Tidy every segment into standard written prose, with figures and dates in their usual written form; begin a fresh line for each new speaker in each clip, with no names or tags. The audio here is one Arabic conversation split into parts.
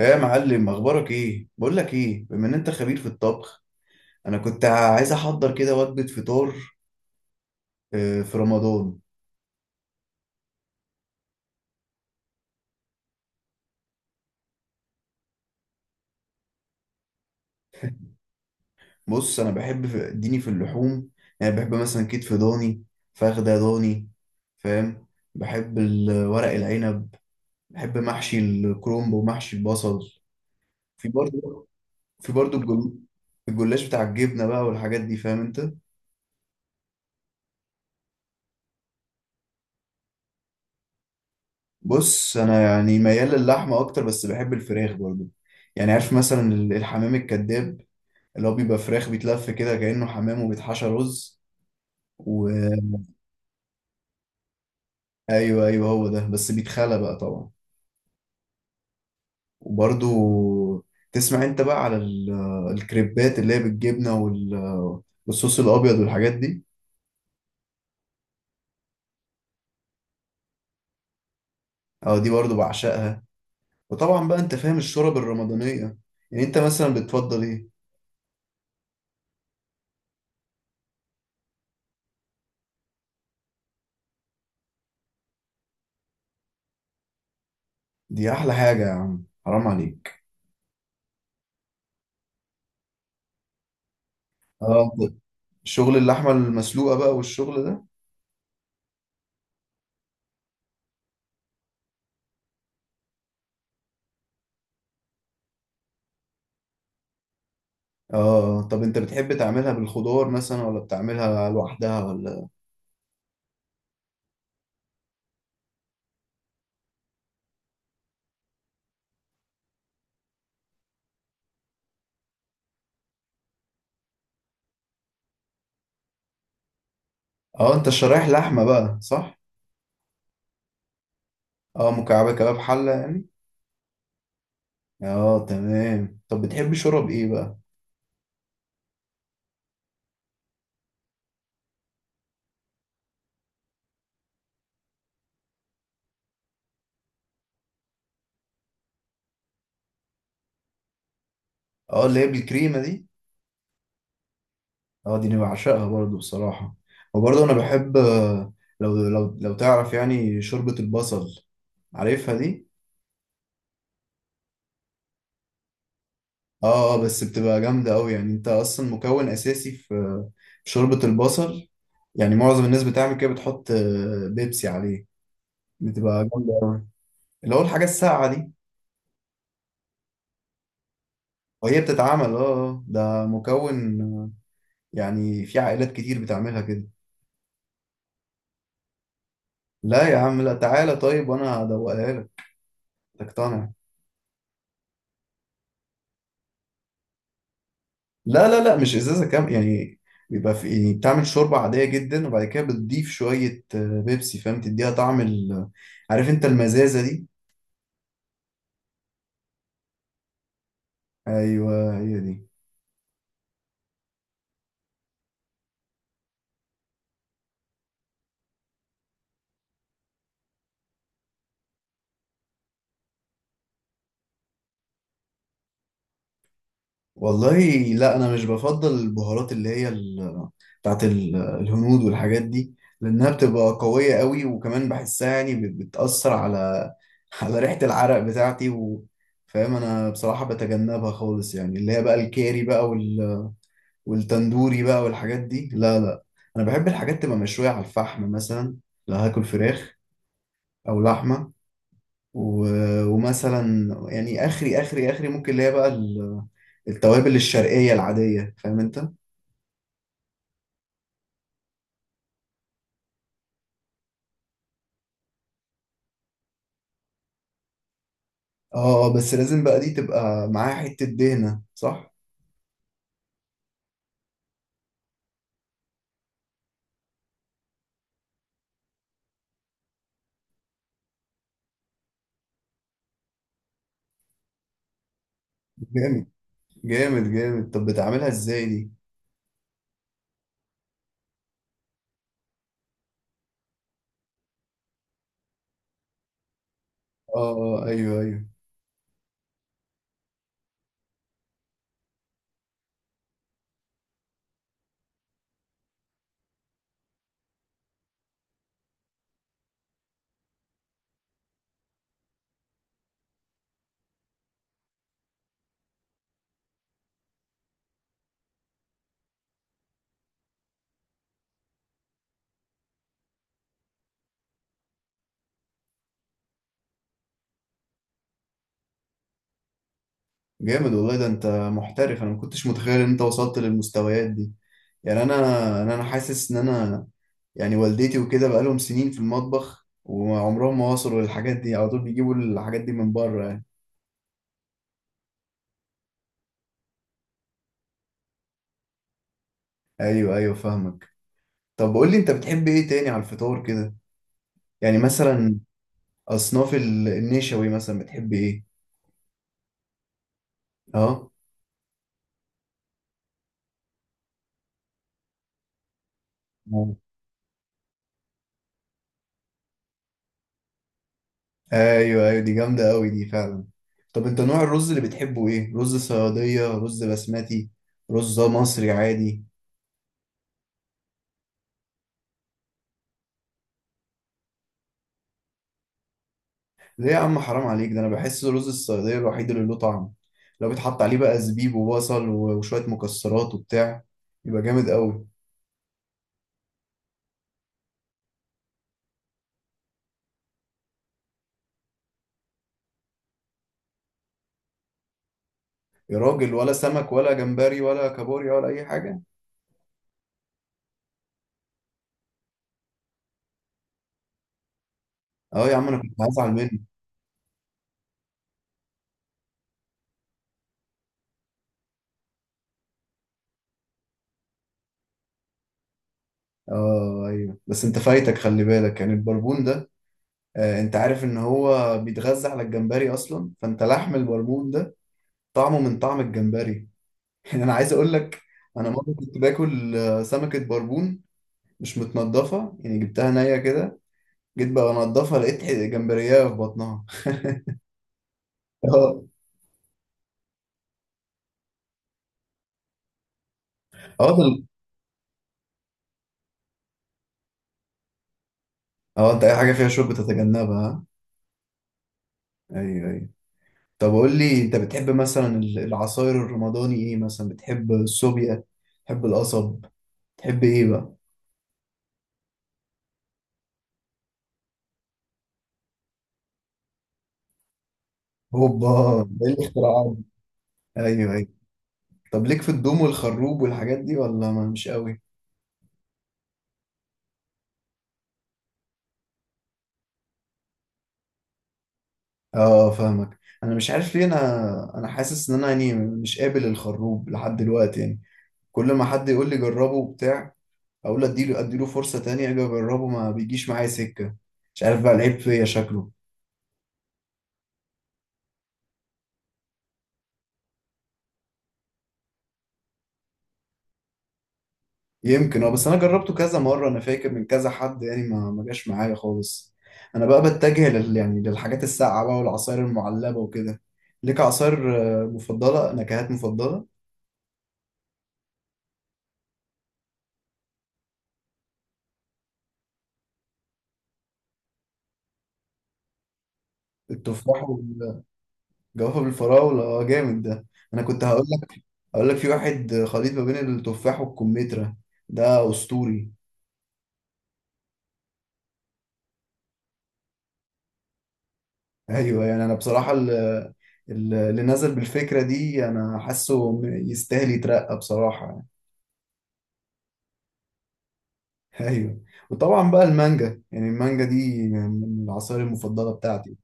ايه يا معلم، اخبارك ايه؟ بقول لك ايه، بما ان انت خبير في الطبخ، انا كنت عايز احضر كده وجبه فطار. آه، في رمضان. بص، انا بحب اديني في اللحوم. يعني بحب مثلا كتف ضاني، فخده ضاني. فاهم؟ بحب ورق العنب، بحب محشي الكرنب ومحشي البصل. في برضه، في برضه الجل- الجلاش بتاع الجبنه بقى والحاجات دي. فاهم انت؟ بص، انا يعني ميال للحمه اكتر، بس بحب الفراخ برضه. يعني عارف مثلا الحمام الكذاب، اللي هو بيبقى فراخ بيتلف كده كأنه حمام وبيتحشى رز. وأيوه، أيوه، أيوة، هو ده، بس بيتخلى بقى طبعا. وبرضو تسمع أنت بقى على الكريبات اللي هي بالجبنة والصوص الأبيض والحاجات دي. أه، دي برضو بعشقها. وطبعا بقى أنت فاهم الشرب الرمضانية. يعني أنت مثلا بتفضل إيه؟ دي أحلى حاجة يا عم، حرام عليك. أه، أنت شغل اللحمة المسلوقة بقى والشغل ده. أه آه. طب أنت بتحب تعملها بالخضار مثلا ولا بتعملها لوحدها ولا؟ اه، انت شرايح لحمة بقى، صح؟ اه، مكعبة كباب حلة يعني؟ اه، تمام. طب بتحب شرب ايه بقى؟ اه، اللي هي بالكريمة دي؟ اه، دي انا بعشقها برضو بصراحة. وبرضو انا بحب، آه، لو لو تعرف يعني شوربة البصل. عارفها دي؟ اه اه، بس بتبقى جامدة اوي. يعني انت اصلا مكون اساسي في في شوربة البصل. يعني معظم الناس بتعمل كده، بتحط، آه، بيبسي عليه. بتبقى جامدة اوي. اللي هو الحاجة الساقعة دي. وهي بتتعمل اه، آه، ده مكون. يعني في عائلات كتير بتعملها كده. لا يا عم، لا، تعالى طيب وانا هدوقها لك، تقتنع. لا لا لا، مش ازازه كام يعني. بيبقى في، يعني بتعمل شوربه عاديه جدا، وبعد كده بتضيف شويه، آه، بيبسي. فاهم؟ تديها طعم عارف انت المزازه دي. ايوه، هي دي. والله، لا، انا مش بفضل البهارات اللي هي بتاعت الهنود والحاجات دي، لأنها بتبقى قوية قوي، وكمان بحسها يعني بتأثر على على ريحة العرق بتاعتي و... فاهم؟ أنا بصراحة بتجنبها خالص، يعني اللي هي بقى الكاري بقى وال... والتندوري بقى والحاجات دي، لا لا. أنا بحب الحاجات تبقى مشوية على الفحم مثلا، لو هاكل فراخ أو لحمة. و... ومثلا يعني آخري ممكن اللي هي بقى ال... التوابل الشرقية العادية. فاهم أنت؟ اه، آه، بس لازم بقى دي تبقى معاها حتة دهنة، صح؟ جامد جامد جامد. طب بتعملها ازاي دي؟ اه آه، ايوه ايوه. جامد والله، ده انت محترف. انا ما كنتش متخيل ان انت وصلت للمستويات دي. يعني انا، أنا حاسس ان انا يعني والدتي وكده بقى لهم سنين في المطبخ، وعمرهم ما وصلوا للحاجات دي. على طول بيجيبوا الحاجات دي من بره يعني. ايوه ايوه، فاهمك. طب قول لي، انت بتحب ايه تاني على الفطار كده؟ يعني مثلا اصناف النشوي مثلا، بتحب ايه؟ اه ايوه ايوه، دي جامده قوي دي فعلا. طب انت نوع الرز اللي بتحبه ايه؟ رز صياديه، رز بسمتي، رز مصري عادي؟ ليه يا عم، حرام عليك. ده انا بحس رز الصياديه الوحيد اللي له طعم. لو بيتحط عليه بقى زبيب وبصل وشويه مكسرات وبتاع، يبقى جامد قوي. يا راجل، ولا سمك ولا جمبري ولا كابوريا ولا اي حاجه؟ اه يا عم، انا كنت هزعل منك. اه ايوه، بس انت فايتك، خلي بالك، يعني البربون ده، آه، انت عارف ان هو بيتغذى على الجمبري اصلا، فانت لحم البربون ده طعمه من طعم الجمبري. يعني انا عايز اقول لك، انا مره كنت باكل، آه، سمكه بربون مش متنضفه، يعني جبتها نيه كده. جيت بقى انضفها، لقيت جمبريه في بطنها. اه. اه اه، انت اي حاجه فيها شوك بتتجنبها، ها؟ ايوه ايوه. طب قول لي، انت بتحب مثلا العصاير الرمضاني ايه؟ مثلا بتحب السوبيا، بتحب القصب، بتحب ايه بقى؟ هوبا. ده ايه الاختراعات دي؟ ايوه ايوه. طب ليك في الدوم والخروب والحاجات دي ولا ما مش قوي؟ اه فاهمك. انا مش عارف ليه، انا، حاسس ان انا يعني مش قابل الخروب لحد دلوقتي يعني. كل ما حد يقول لي جربه وبتاع، اقول اديله، اديله فرصة تانية، اجي اجربه ما بيجيش معايا سكة. مش عارف بقى العيب فيا شكله. يمكن اه. بس انا جربته كذا مرة، انا فاكر من كذا حد يعني، ما جاش معايا خالص. انا بقى بتجه لل يعني للحاجات الساقعة بقى والعصاير المعلبة وكده. ليك عصاير، آه، مفضلة؟ نكهات مفضلة؟ التفاح والجوافة. بالفراولة، اه جامد ده. انا كنت هقول اقول لك، في واحد خليط ما بين التفاح والكمثرى، ده اسطوري. ايوه، يعني انا بصراحه اللي نزل بالفكره دي انا حاسه يستاهل يترقى بصراحه يعني. ايوه. وطبعا بقى المانجا، يعني المانجا دي من من العصائر المفضله بتاعتي.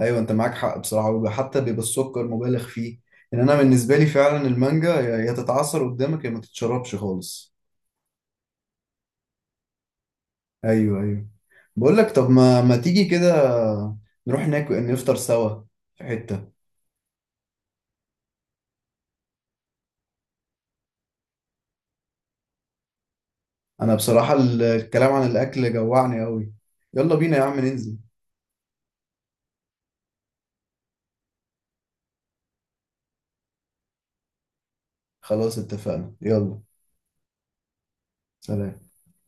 ايوه انت معاك حق بصراحه. حتى بيبقى السكر مبالغ فيه. ان انا بالنسبه لي فعلا المانجا يا تتعصر قدامك يا ما تتشربش خالص. ايوه ايوه. بقول لك، طب ما تيجي كده، نروح ناكل نفطر سوا في حته. انا بصراحة الكلام عن الاكل جوعني قوي. يلا بينا يا عم ننزل. خلاص اتفقنا، يلا. سلام.